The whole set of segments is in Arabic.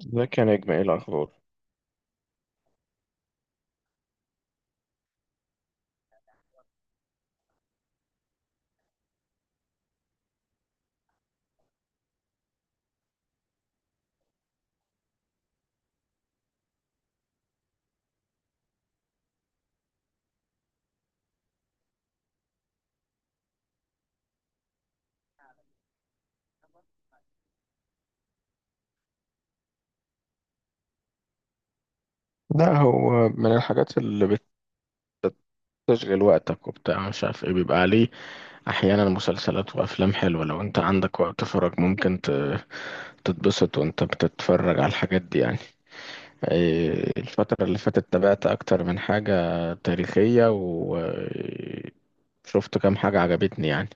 ازيك يا نجم، ايه الاخبار؟ لا، هو من الحاجات اللي بتشغل وقتك وبتاع، مش عارف ايه بيبقى عليه. احيانا مسلسلات وافلام حلوه، لو انت عندك وقت فراغ ممكن تتبسط وانت بتتفرج على الحاجات دي يعني. إيه، الفتره اللي فاتت تابعت اكتر من حاجه تاريخيه، وشفت كام حاجه عجبتني يعني.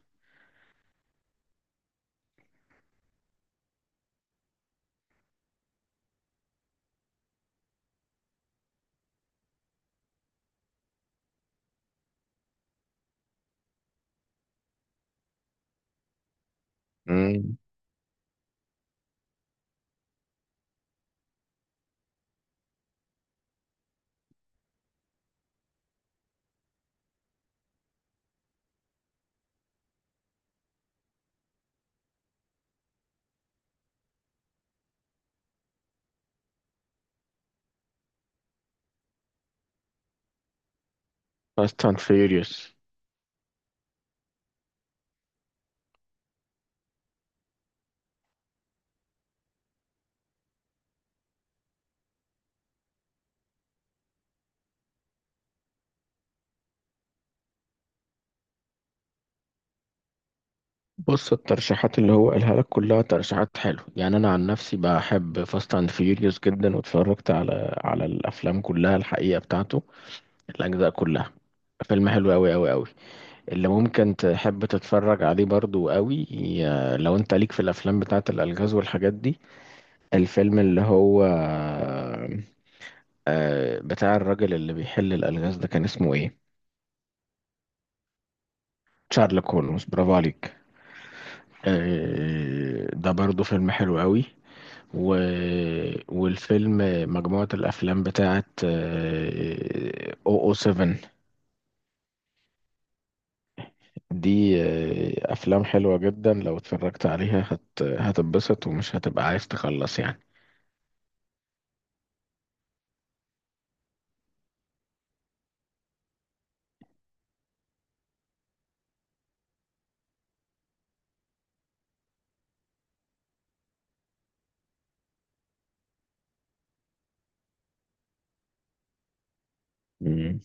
فاست اند فيوريوس. بص، الترشيحات اللي هو قالها لك كلها ترشيحات حلوه يعني. انا عن نفسي بحب فاست اند فيوريوس جدا، واتفرجت على الافلام كلها الحقيقه، بتاعته الاجزاء كلها. فيلم حلو قوي قوي قوي. اللي ممكن تحب تتفرج عليه برضو قوي، لو انت ليك في الافلام بتاعه الالغاز والحاجات دي، الفيلم اللي هو بتاع الراجل اللي بيحل الالغاز ده، كان اسمه ايه؟ شارلوك هولمز، برافو عليك. ده برضو فيلم حلو قوي. و... والفيلم، مجموعة الأفلام بتاعت او 7 دي أفلام حلوة جدا. لو اتفرجت عليها هتتبسط ومش هتبقى عايز تخلص يعني. مم.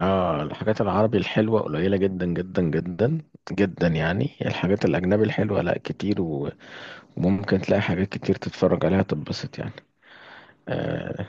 اه، الحاجات العربي الحلوة قليلة جدا جدا جدا جدا يعني. الحاجات الأجنبي الحلوة لا، كتير، وممكن تلاقي حاجات كتير تتفرج عليها تتبسط يعني. آه،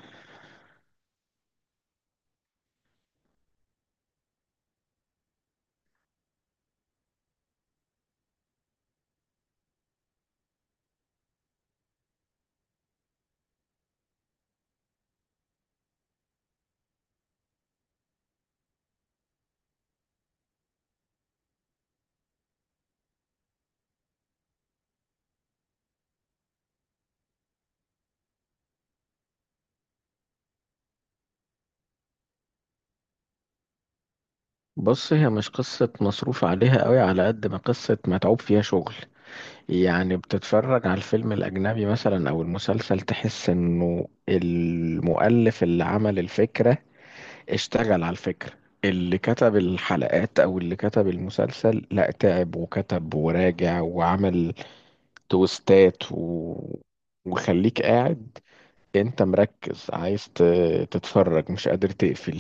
بص، هي مش قصة مصروف عليها قوي، على قد ما قصة متعوب فيها شغل. يعني بتتفرج على الفيلم الأجنبي مثلا أو المسلسل، تحس إنه المؤلف اللي عمل الفكرة اشتغل على الفكرة، اللي كتب الحلقات أو اللي كتب المسلسل، لا تعب وكتب وراجع وعمل تويستات، وخليك قاعد انت مركز عايز تتفرج، مش قادر تقفل.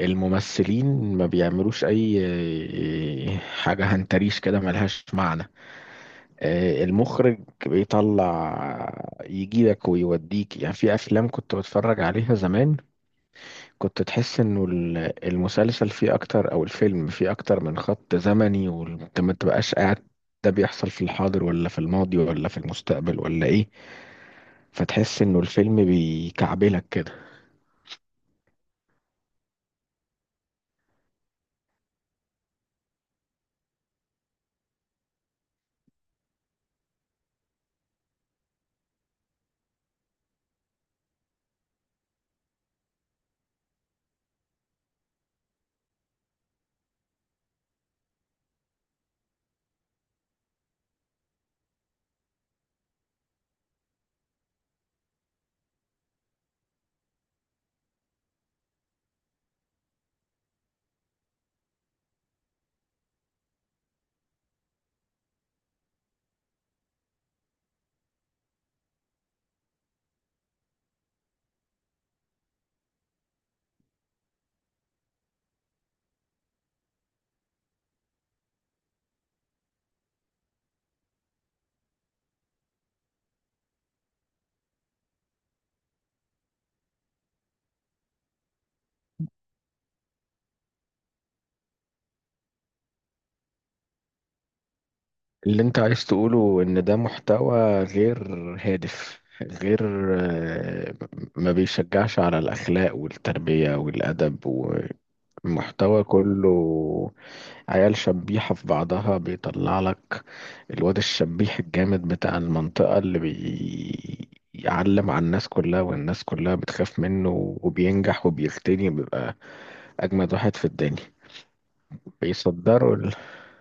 الممثلين ما بيعملوش اي حاجة هنتريش كده ملهاش معنى. المخرج بيطلع يجيبك ويوديك. يعني في افلام كنت بتفرج عليها زمان، كنت تحس انه المسلسل فيه اكتر او الفيلم فيه اكتر من خط زمني، وانت ما تبقاش قاعد ده بيحصل في الحاضر ولا في الماضي ولا في المستقبل ولا ايه. فتحس انه الفيلم بيكعبلك كده. اللي انت عايز تقوله ان ده محتوى غير هادف، غير آه، ما بيشجعش على الأخلاق والتربية والأدب. المحتوى كله عيال شبيحة في بعضها بيطلع لك الواد الشبيح الجامد بتاع المنطقة، اللي بيعلم على الناس كلها، والناس كلها بتخاف منه وبينجح وبيغتني، بيبقى أجمد واحد في الدنيا. بيصدروا ال...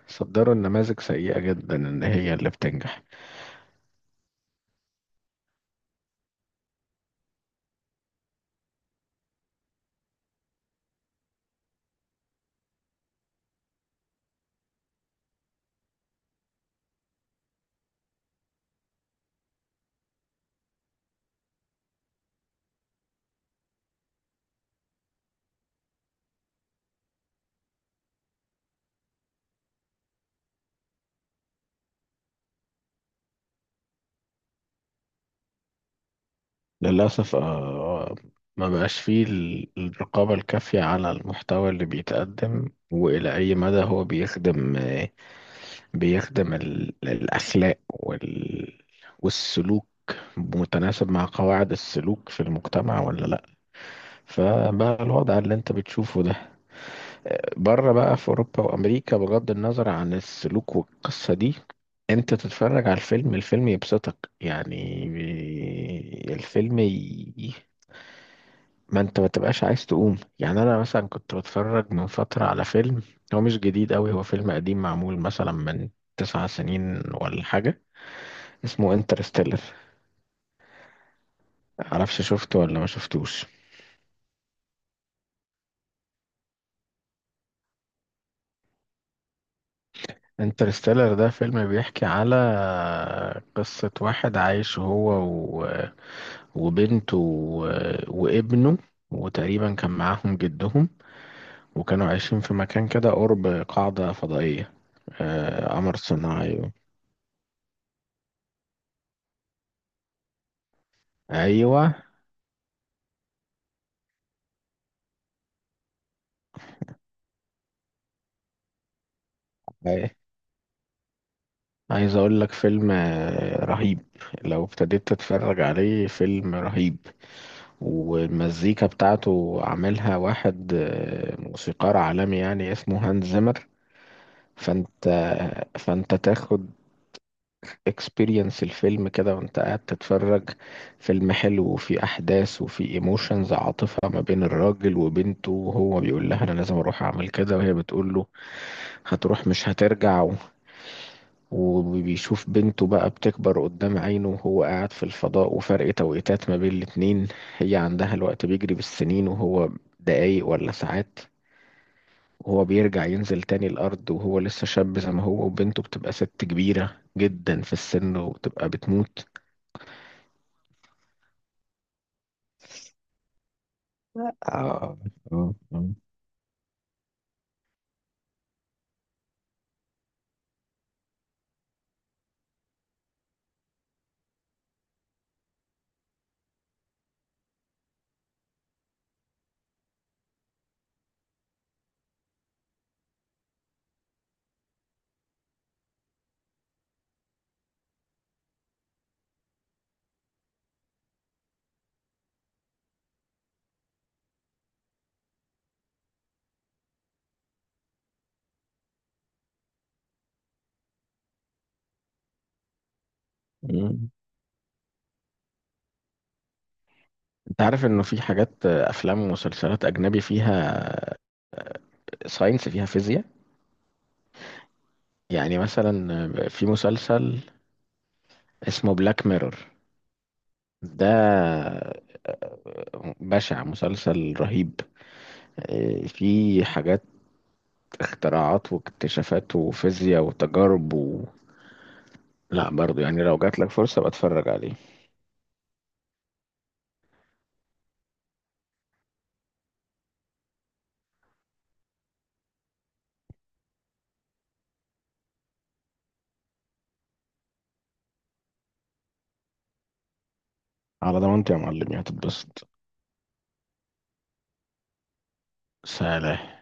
صدروا النماذج سيئة جدا إن هي اللي بتنجح. للأسف، آه، ما بقاش فيه الرقابة الكافية على المحتوى اللي بيتقدم وإلى أي مدى هو بيخدم، الأخلاق والسلوك، متناسب مع قواعد السلوك في المجتمع ولا لأ. فبقى الوضع اللي انت بتشوفه ده. بره بقى في أوروبا وأمريكا، بغض النظر عن السلوك والقصة دي، انت تتفرج على الفيلم، الفيلم يبسطك يعني، الفيلم ما انت ما تبقاش عايز تقوم. يعني انا مثلا كنت بتفرج من فترة على فيلم، هو مش جديد قوي، هو فيلم قديم معمول مثلا من تسع سنين ولا حاجة، اسمه انترستيلر. معرفش شفته ولا ما شفتوش. انترستيلر ده فيلم بيحكي على قصة واحد عايش، هو و... وبنته وابنه، وتقريبا كان معاهم جدهم، وكانوا عايشين في مكان كده قرب قاعدة فضائية، قمر صناعي. ايوه، عايز اقول لك فيلم رهيب. لو ابتديت تتفرج عليه، فيلم رهيب. والمزيكا بتاعته عاملها واحد موسيقار عالمي يعني، اسمه هانز زيمر. فانت فانت تاخد اكسبيرينس الفيلم كده وانت قاعد تتفرج. فيلم حلو، وفي احداث، وفي ايموشنز، عاطفة ما بين الراجل وبنته، وهو بيقول لها انا لازم اروح اعمل كده، وهي بتقول له هتروح مش هترجع. وبيشوف بنته بقى بتكبر قدام عينه، وهو قاعد في الفضاء، وفرق توقيتات ما بين الاتنين. هي عندها الوقت بيجري بالسنين، وهو دقايق ولا ساعات. وهو بيرجع ينزل تاني الأرض وهو لسه شاب زي ما هو، وبنته بتبقى ست كبيرة جدا في السن، وبتبقى بتموت. آه. آه. آه. مم. انت عارف انه في حاجات، افلام ومسلسلات اجنبي، فيها ساينس، فيها فيزياء. يعني مثلا في مسلسل اسمه بلاك ميرور، ده بشع، مسلسل رهيب. فيه حاجات، اختراعات واكتشافات وفيزياء وتجارب لا برضه، يعني لو جاتلك فرصة بتفرج عليه. على ضمانتي يا معلم هتتبسط. سلام.